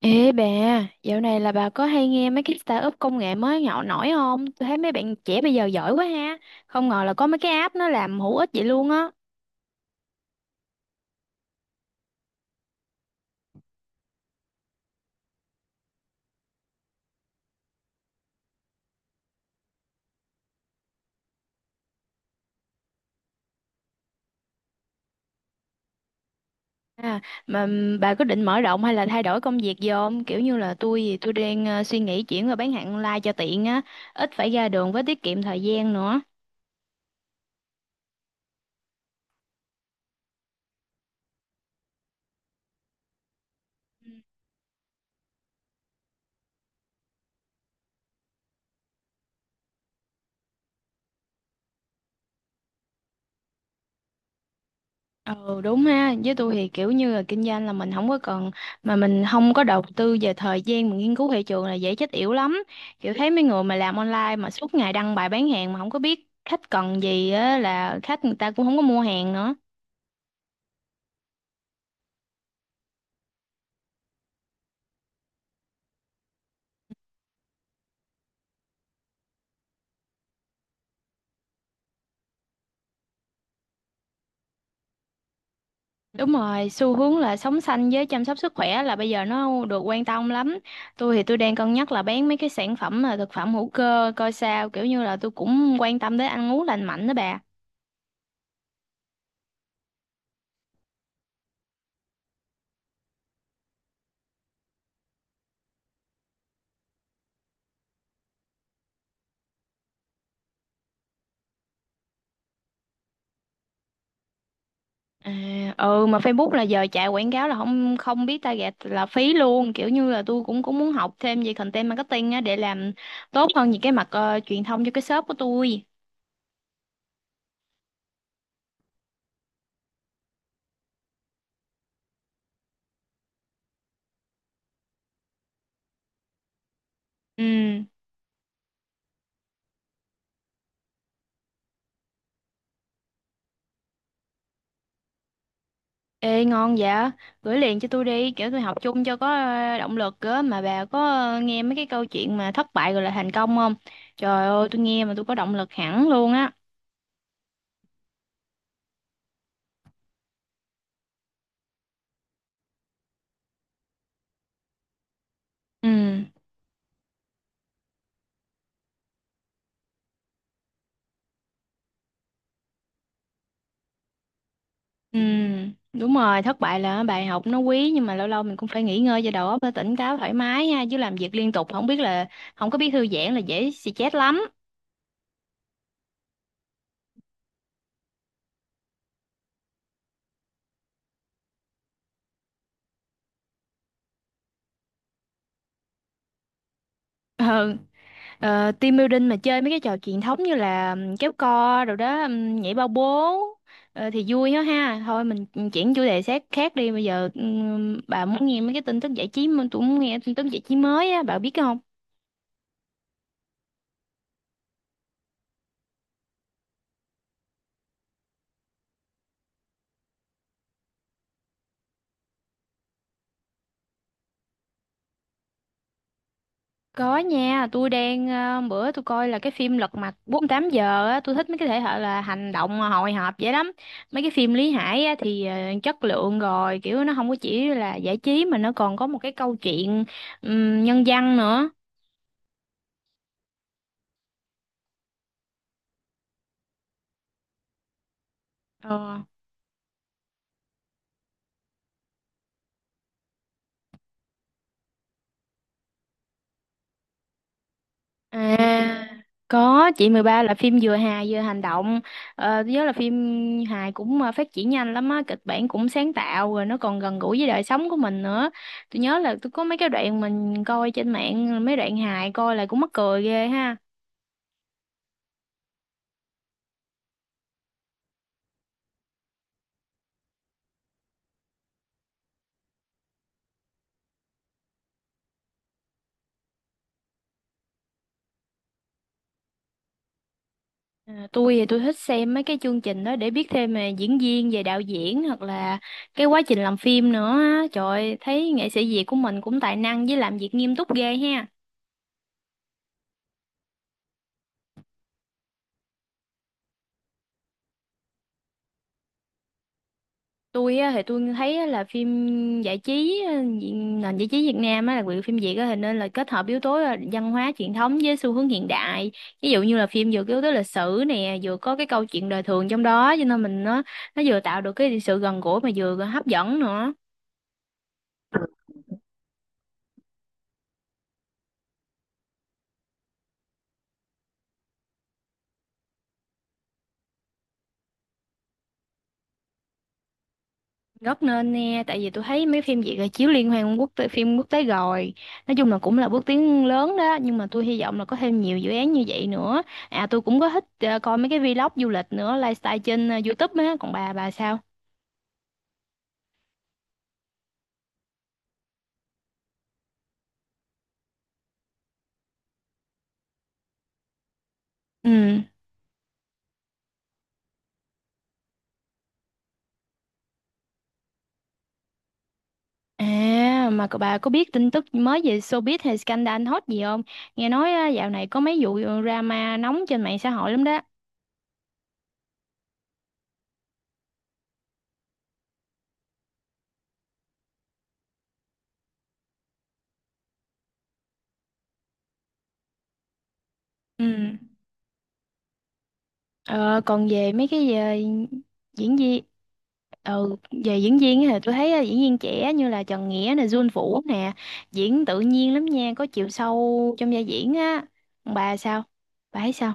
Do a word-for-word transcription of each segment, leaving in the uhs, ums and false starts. Ê bà, dạo này là bà có hay nghe mấy cái startup công nghệ mới nhạo nổi không? Tôi thấy mấy bạn trẻ bây giờ giỏi quá ha. Không ngờ là có mấy cái app nó làm hữu ích vậy luôn á. À, mà ừm, bà có định mở rộng hay là thay đổi công việc gì không? Kiểu như là tôi thì tôi đang ờ, suy nghĩ chuyển qua bán hàng online cho tiện á, ít phải ra đường với tiết kiệm thời gian nữa. Ừ đúng ha, với tôi thì kiểu như là kinh doanh là mình không có cần mà mình không có đầu tư về thời gian mình nghiên cứu thị trường là dễ chết yểu lắm. Kiểu thấy mấy người mà làm online mà suốt ngày đăng bài bán hàng mà không có biết khách cần gì á là khách người ta cũng không có mua hàng nữa. Đúng rồi, xu hướng là sống xanh với chăm sóc sức khỏe là bây giờ nó được quan tâm lắm. Tôi thì tôi đang cân nhắc là bán mấy cái sản phẩm là thực phẩm hữu cơ coi sao, kiểu như là tôi cũng quan tâm tới ăn uống lành mạnh đó bà. À, ừ mà Facebook là giờ chạy quảng cáo là không không biết target là phí luôn kiểu như là tôi cũng cũng muốn học thêm về content marketing á để làm tốt hơn những cái mặt ờ, truyền thông cho cái shop của tôi. Ừ, ê ngon dạ, gửi liền cho tôi đi kiểu tôi học chung cho có ờ, động lực á. Mà bà có ờ, nghe mấy cái câu chuyện mà thất bại rồi là thành công không? Trời ơi tôi nghe mà tôi có động lực hẳn luôn á. Ừ. Ừ, đúng rồi, thất bại là bài học nó quý nhưng mà lâu lâu mình cũng phải nghỉ ngơi cho đầu óc nó tỉnh táo thoải mái ha, chứ làm việc liên tục không biết là không có biết thư giãn là dễ stress lắm. Ờ, team building mà chơi mấy cái trò truyền thống như là ừm, kéo co rồi đó, ừm, nhảy bao bố ờ, thì vui đó ha. Thôi mình ừ, chuyển chủ đề khác khác đi bây giờ. ừm, bà muốn nghe mấy cái tin tức giải trí mà tôi muốn nghe tin tức giải trí mới á, bà biết không? Có nha, tôi đang ờ, bữa tôi coi là cái phim Lật Mặt bốn tám giờ á, tôi thích mấy cái thể loại là hành động hồi hộp vậy lắm. Mấy cái phim Lý Hải á, thì ờ, chất lượng rồi, kiểu nó không có chỉ là giải trí mà nó còn có một cái câu chuyện ừm, nhân văn nữa. Ờ, à, có chị mười ba là phim vừa hài vừa hành động. Ờ, tôi nhớ là phim hài cũng ờ, phát triển nhanh lắm á, kịch bản cũng sáng tạo rồi nó còn gần gũi với đời sống của mình nữa. Tôi nhớ là tôi có mấy cái đoạn mình coi trên mạng mấy đoạn hài coi là cũng mắc cười ghê ha. À, tôi thì tôi thích xem mấy cái chương trình đó để biết thêm về diễn viên, về đạo diễn hoặc là cái quá trình làm phim nữa á. Trời ơi, thấy nghệ sĩ Việt của mình cũng tài năng với làm việc nghiêm túc ghê ha. Tôi á, thì tôi thấy á là phim giải trí ờ, dị- nền giải trí Việt Nam á, đặc biệt là phim Việt á, thì nên là kết hợp yếu tố là văn hóa truyền thống với xu hướng hiện đại. Ví dụ như là phim vừa có yếu tố lịch sử nè vừa có cái câu chuyện đời thường trong đó cho nên mình nó nó vừa tạo được cái sự gần gũi mà vừa hấp dẫn nữa. Rất nên nha, tại vì tôi thấy mấy phim Việt là chiếu liên hoan quốc tế, phim quốc tế rồi. Nói chung là cũng là bước tiến lớn đó, nhưng mà tôi hy vọng là có thêm nhiều dự án như vậy nữa. À tôi cũng có thích ờ, coi mấy cái vlog du lịch nữa, lifestyle trên ờ, YouTube á, còn bà bà sao? Ừ. À mà cậu bà có biết tin tức mới về showbiz hay scandal hot gì không? Nghe nói ờ, dạo này có mấy vụ drama nóng trên mạng xã hội lắm đó. Ừ. Ờ, còn về mấy cái ờ, diễn viên ừ, về diễn viên á thì tôi thấy ờ, diễn viên trẻ như là Trần Nghĩa nè, Jun Vũ nè, diễn tự nhiên lắm nha, có chiều sâu trong vai diễn á. Còn Bà sao? Bà thấy sao?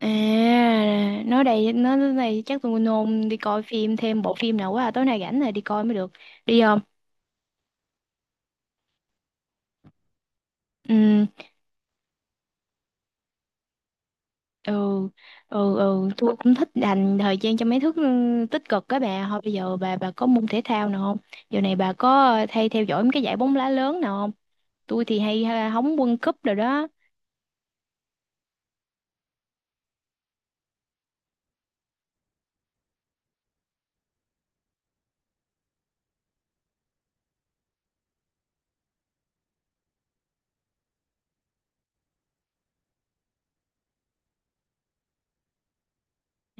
À, nói đây nói tới đây chắc tôi nôn đi coi phim thêm bộ phim nào quá à. Tối nay rảnh rồi đi coi mới được. Đi không? Ừ. ừ ừ ừ tôi cũng thích dành thời gian cho mấy thứ ừ, tích cực các bà. Thôi bây giờ bà bà có môn thể thao nào không? Giờ này bà có ờ, hay theo dõi mấy cái giải bóng đá lớn nào không? Tôi thì hay ha, hóng World Cup rồi đó.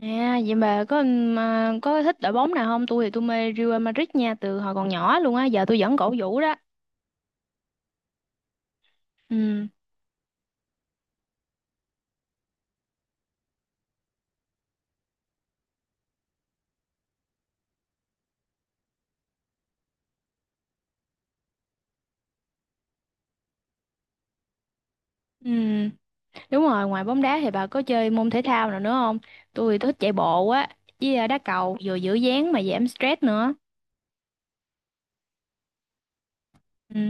À vậy bà có ừm, à, có thích đội bóng nào không? Tôi thì tôi mê Real Madrid nha, từ hồi còn nhỏ luôn á, giờ tôi vẫn cổ vũ đó. Ừ. Ừ đúng rồi, ngoài bóng đá thì bà có chơi môn thể thao nào nữa không? Tôi thì tôi thích chạy bộ á với à, đá cầu vừa giữ dáng mà giảm stress nữa. Ừ.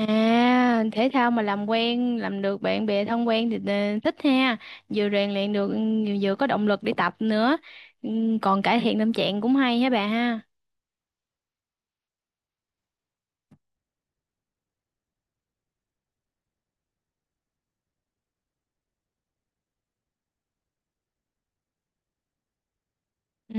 À, thể thao mà làm quen, làm được bạn bè thân quen thì ờ, thích ha. Vừa rèn luyện được, ừ, vừa có động lực để tập nữa. Ừ, còn cải thiện tâm trạng cũng hay hả bà ha. Ừ,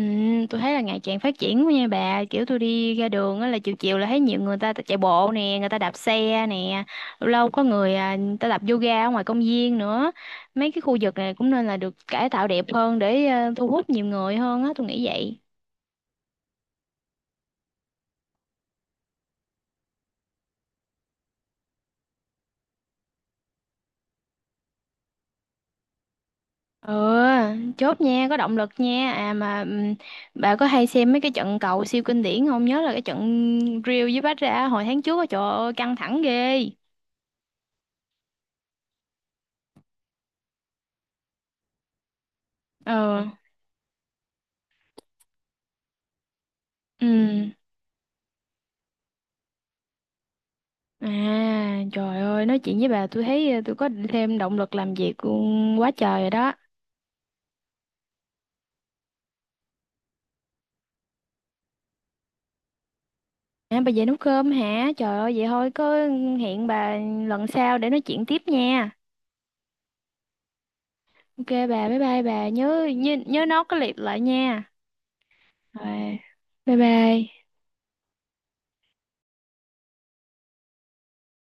tôi thấy là ngày càng phát triển quá nha bà. Kiểu tôi đi ra đường á là chiều chiều là thấy nhiều người ta chạy bộ nè, người ta đạp xe nè. Lâu lâu có người à, người ta tập yoga ở ngoài công viên nữa. Mấy cái khu vực này cũng nên là được cải tạo đẹp hơn để ờ, thu hút nhiều người hơn á, tôi nghĩ vậy. Ừ, chốt nha, có động lực nha. À mà ừm, bà có hay xem mấy cái trận cầu siêu kinh điển không? Nhớ là cái trận Real với Barca hồi tháng trước á, trời ơi, căng thẳng ghê. Ờ, ừ. À, trời ơi, nói chuyện với bà tôi thấy ờ, tôi có thêm động lực làm việc ừ, quá trời rồi đó. À, bà về nấu cơm hả? Trời ơi, vậy thôi, có hẹn bà lần sau để nói chuyện tiếp nha. Ok bà, bye bye bà, nhớ nhớ, nhớ nốt cái liệt lại nha. Rồi, bye bye.